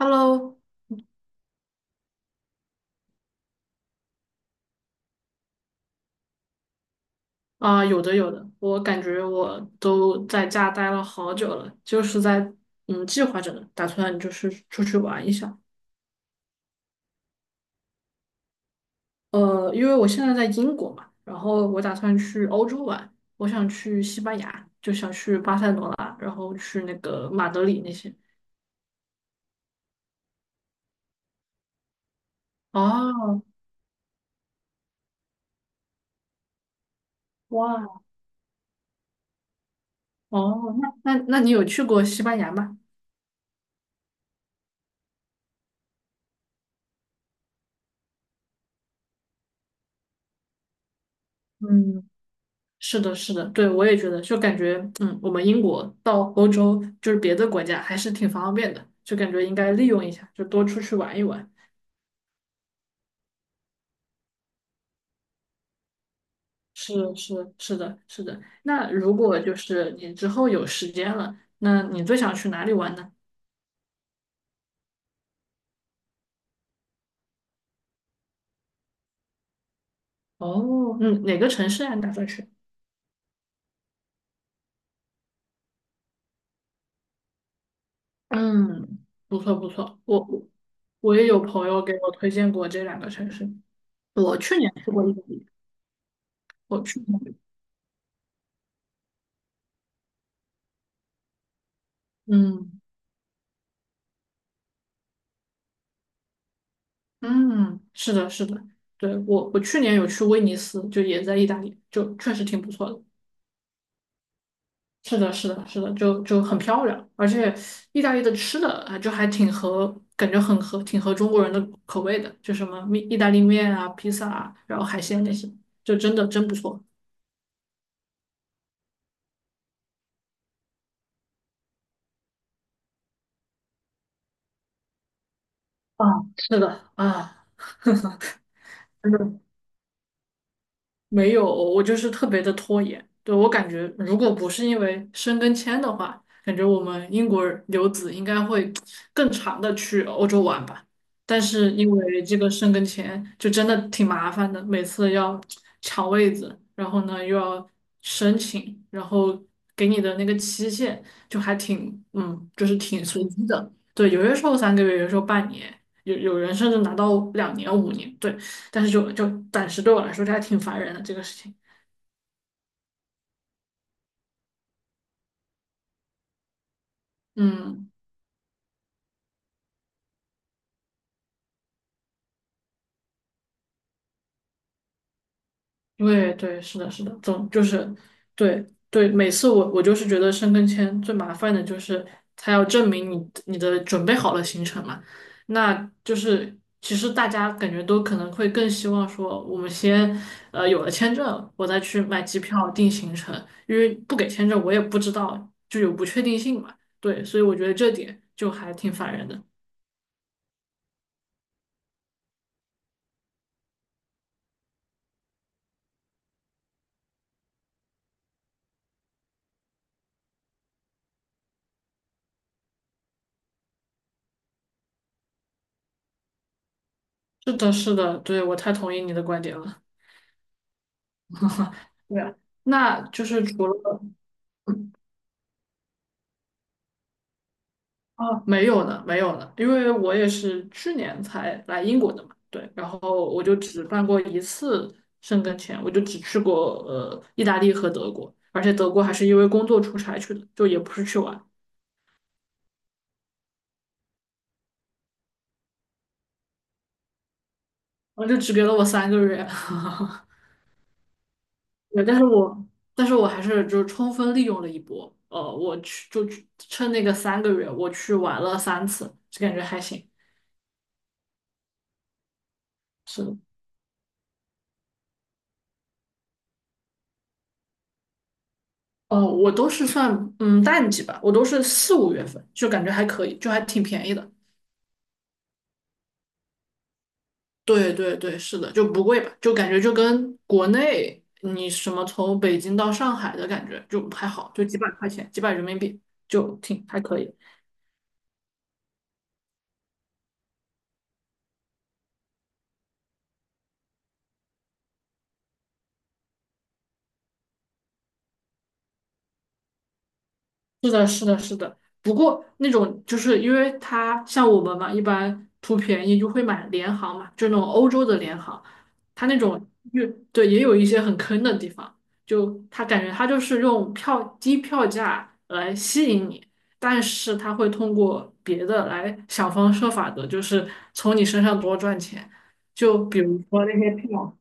Hello，啊、有的有的，我感觉我都在家待了好久了，就是在计划着呢，打算就是出去玩一下。因为我现在在英国嘛，然后我打算去欧洲玩，我想去西班牙，就想去巴塞罗那，然后去那个马德里那些。哦，哇，哦，那你有去过西班牙吗？嗯，是的，是的，对，我也觉得，就感觉，我们英国到欧洲，就是别的国家，还是挺方便的，就感觉应该利用一下，就多出去玩一玩。是是是的，是的。那如果就是你之后有时间了，那你最想去哪里玩呢？哦，嗯，哪个城市啊？你打算去？嗯，不错不错，我我也有朋友给我推荐过这两个城市。我去年去过意大利，我去年，嗯。嗯，是的，是的，对，我去年有去威尼斯，就也在意大利，就确实挺不错的。是的，是的，是的，就很漂亮，而且意大利的吃的啊，就还挺合，感觉很合，挺合中国人的口味的，就什么面意大利面啊、披萨啊，然后海鲜那些，就真的真不错。啊，是的，啊，真的没有，我就是特别的拖延。对，我感觉，如果不是因为申根签的话，感觉我们英国留子应该会更长的去欧洲玩吧。但是因为这个申根签，就真的挺麻烦的，每次要抢位子，然后呢又要申请，然后给你的那个期限就还挺，就是挺随机的。对，有些时候三个月，有些时候半年，有人甚至拿到2年、5年。对。但是就暂时对我来说，这还挺烦人的这个事情。嗯，对对，是的，是的，总就是对对，每次我就是觉得申根签最麻烦的就是他要证明你的准备好了行程嘛，那就是其实大家感觉都可能会更希望说我们先有了签证，我再去买机票定行程，因为不给签证我也不知道就有不确定性嘛，对，所以我觉得这点就还挺烦人的。是的，是的，对，我太同意你的观点了。对，啊，那就是除了啊，哦没有呢，没有呢，因为我也是去年才来英国的嘛，对，然后我就只办过一次申根签，我就只去过意大利和德国，而且德国还是因为工作出差去的，就也不是去玩，然后就只给了我三个月，对，但是我还是就是充分利用了一波，我去就去趁那个三个月，我去玩了3次，就感觉还行，是的。哦，我都是算淡季吧，我都是四五月份，就感觉还可以，就还挺便宜的。对对对，是的，就不贵吧，就感觉就跟国内你什么从北京到上海的感觉就还好，就几百块钱，几百人民币就挺还可以。是的，是的，是的。不过那种就是因为他像我们嘛，一般图便宜就会买联行嘛，就那种欧洲的联行，他那种越对也有一些很坑的地方，就他感觉他就是用票低票价来吸引你，但是他会通过别的来想方设法的，就是从你身上多赚钱。就比如说那些票。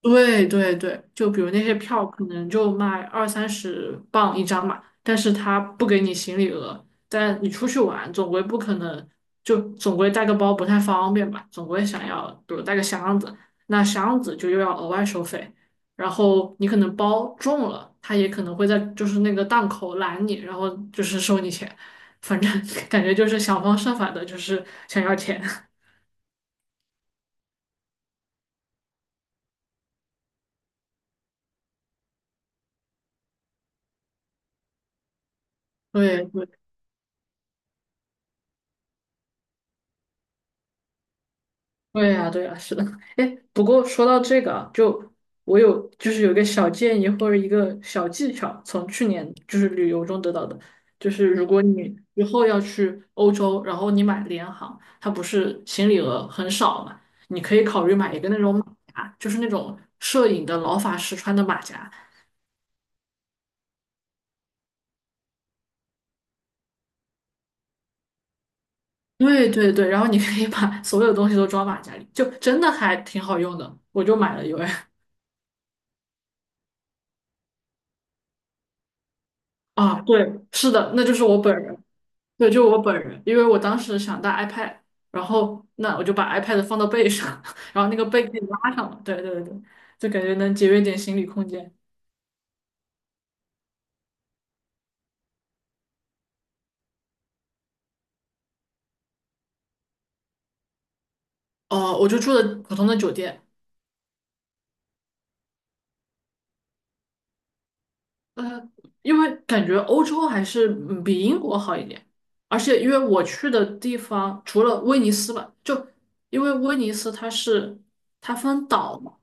对对对，就比如那些票可能就卖二三十磅一张嘛，但是他不给你行李额，但你出去玩总归不可能，就总归带个包不太方便吧，总归想要比如带个箱子，那箱子就又要额外收费，然后你可能包重了，他也可能会在就是那个档口拦你，然后就是收你钱，反正 感觉就是想方设法的，就是想要钱。对对。对呀，对呀，是的。哎，不过说到这个啊就就是有一个小建议或者一个小技巧，从去年就是旅游中得到的，就是如果你以后要去欧洲，然后你买联航，它不是行李额很少嘛，你可以考虑买一个那种马甲，就是那种摄影的老法师穿的马甲。对对对，然后你可以把所有东西都装马甲里，就真的还挺好用的，我就买了一位。啊，对，是的，那就是我本人。对，就我本人，因为我当时想带 iPad，然后那我就把 iPad 放到背上，然后那个背可以拉上了。对对对，就感觉能节约点行李空间。哦、我就住的普通的酒店，呃，因为感觉欧洲还是比英国好一点，而且因为我去的地方除了威尼斯吧，就因为威尼斯它分岛嘛。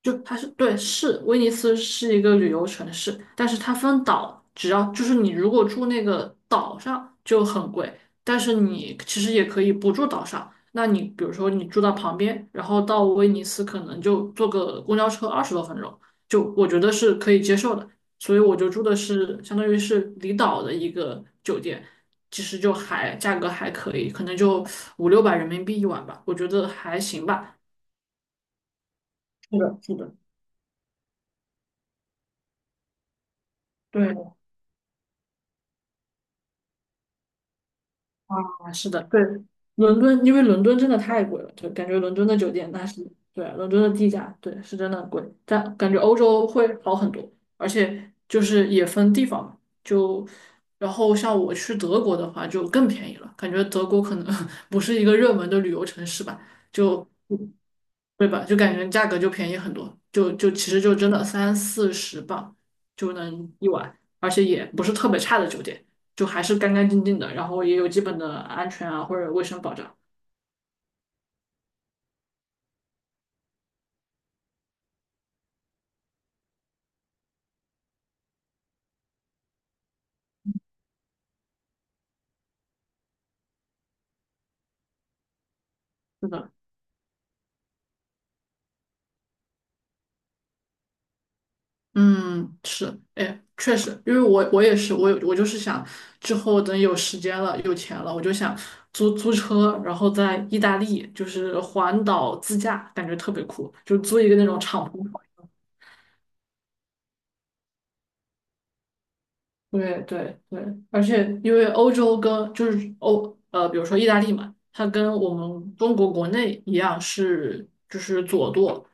就它是对，是威尼斯是一个旅游城市，但是它分岛，只要就是你如果住那个岛上就很贵，但是你其实也可以不住岛上，那你比如说你住到旁边，然后到威尼斯可能就坐个公交车20多分钟，就我觉得是可以接受的，所以我就住的是相当于是离岛的一个酒店，其实就还价格还可以，可能就五六百人民币一晚吧，我觉得还行吧。是的，是的，对。啊，是的，对，伦敦，因为伦敦真的太贵了，就感觉伦敦的酒店那是，对啊，伦敦的地价，对，是真的贵，但感觉欧洲会好很多，而且就是也分地方嘛，就，然后像我去德国的话就更便宜了，感觉德国可能 不是一个热门的旅游城市吧，就，对吧？就感觉价格就便宜很多，就其实就真的三四十镑就能一晚，而且也不是特别差的酒店。就还是干干净净的，然后也有基本的安全啊或者卫生保障。是的，嗯，是，哎，确实，因为我也是，我就是想之后等有时间了、有钱了，我就想租车，然后在意大利就是环岛自驾，感觉特别酷，就租一个那种敞篷。对对对，而且因为欧洲跟就是比如说意大利嘛，它跟我们中国国内一样是就是左舵，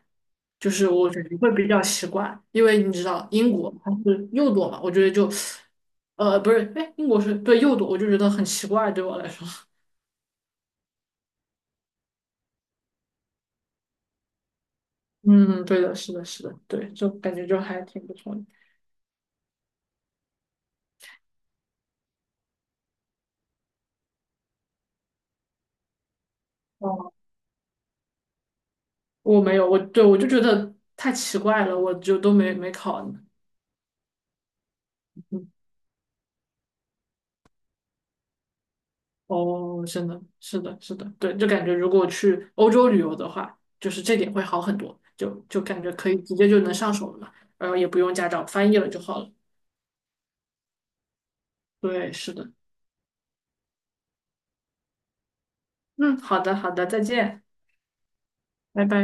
就是我觉得会比较奇怪，因为你知道英国它是右舵嘛，我觉得就不是，哎，英国是对右舵，我就觉得很奇怪，对我来说。嗯，对的，是的，是的，对，就感觉就还挺不错的。哦，我没有，我对我就觉得太奇怪了，我就都没考呢。哦，真的，是的，是的，对，就感觉如果去欧洲旅游的话，就是这点会好很多，就感觉可以直接就能上手了嘛，然后也不用驾照，翻译了就好了。对，是的，嗯，好的，好的，再见，拜拜。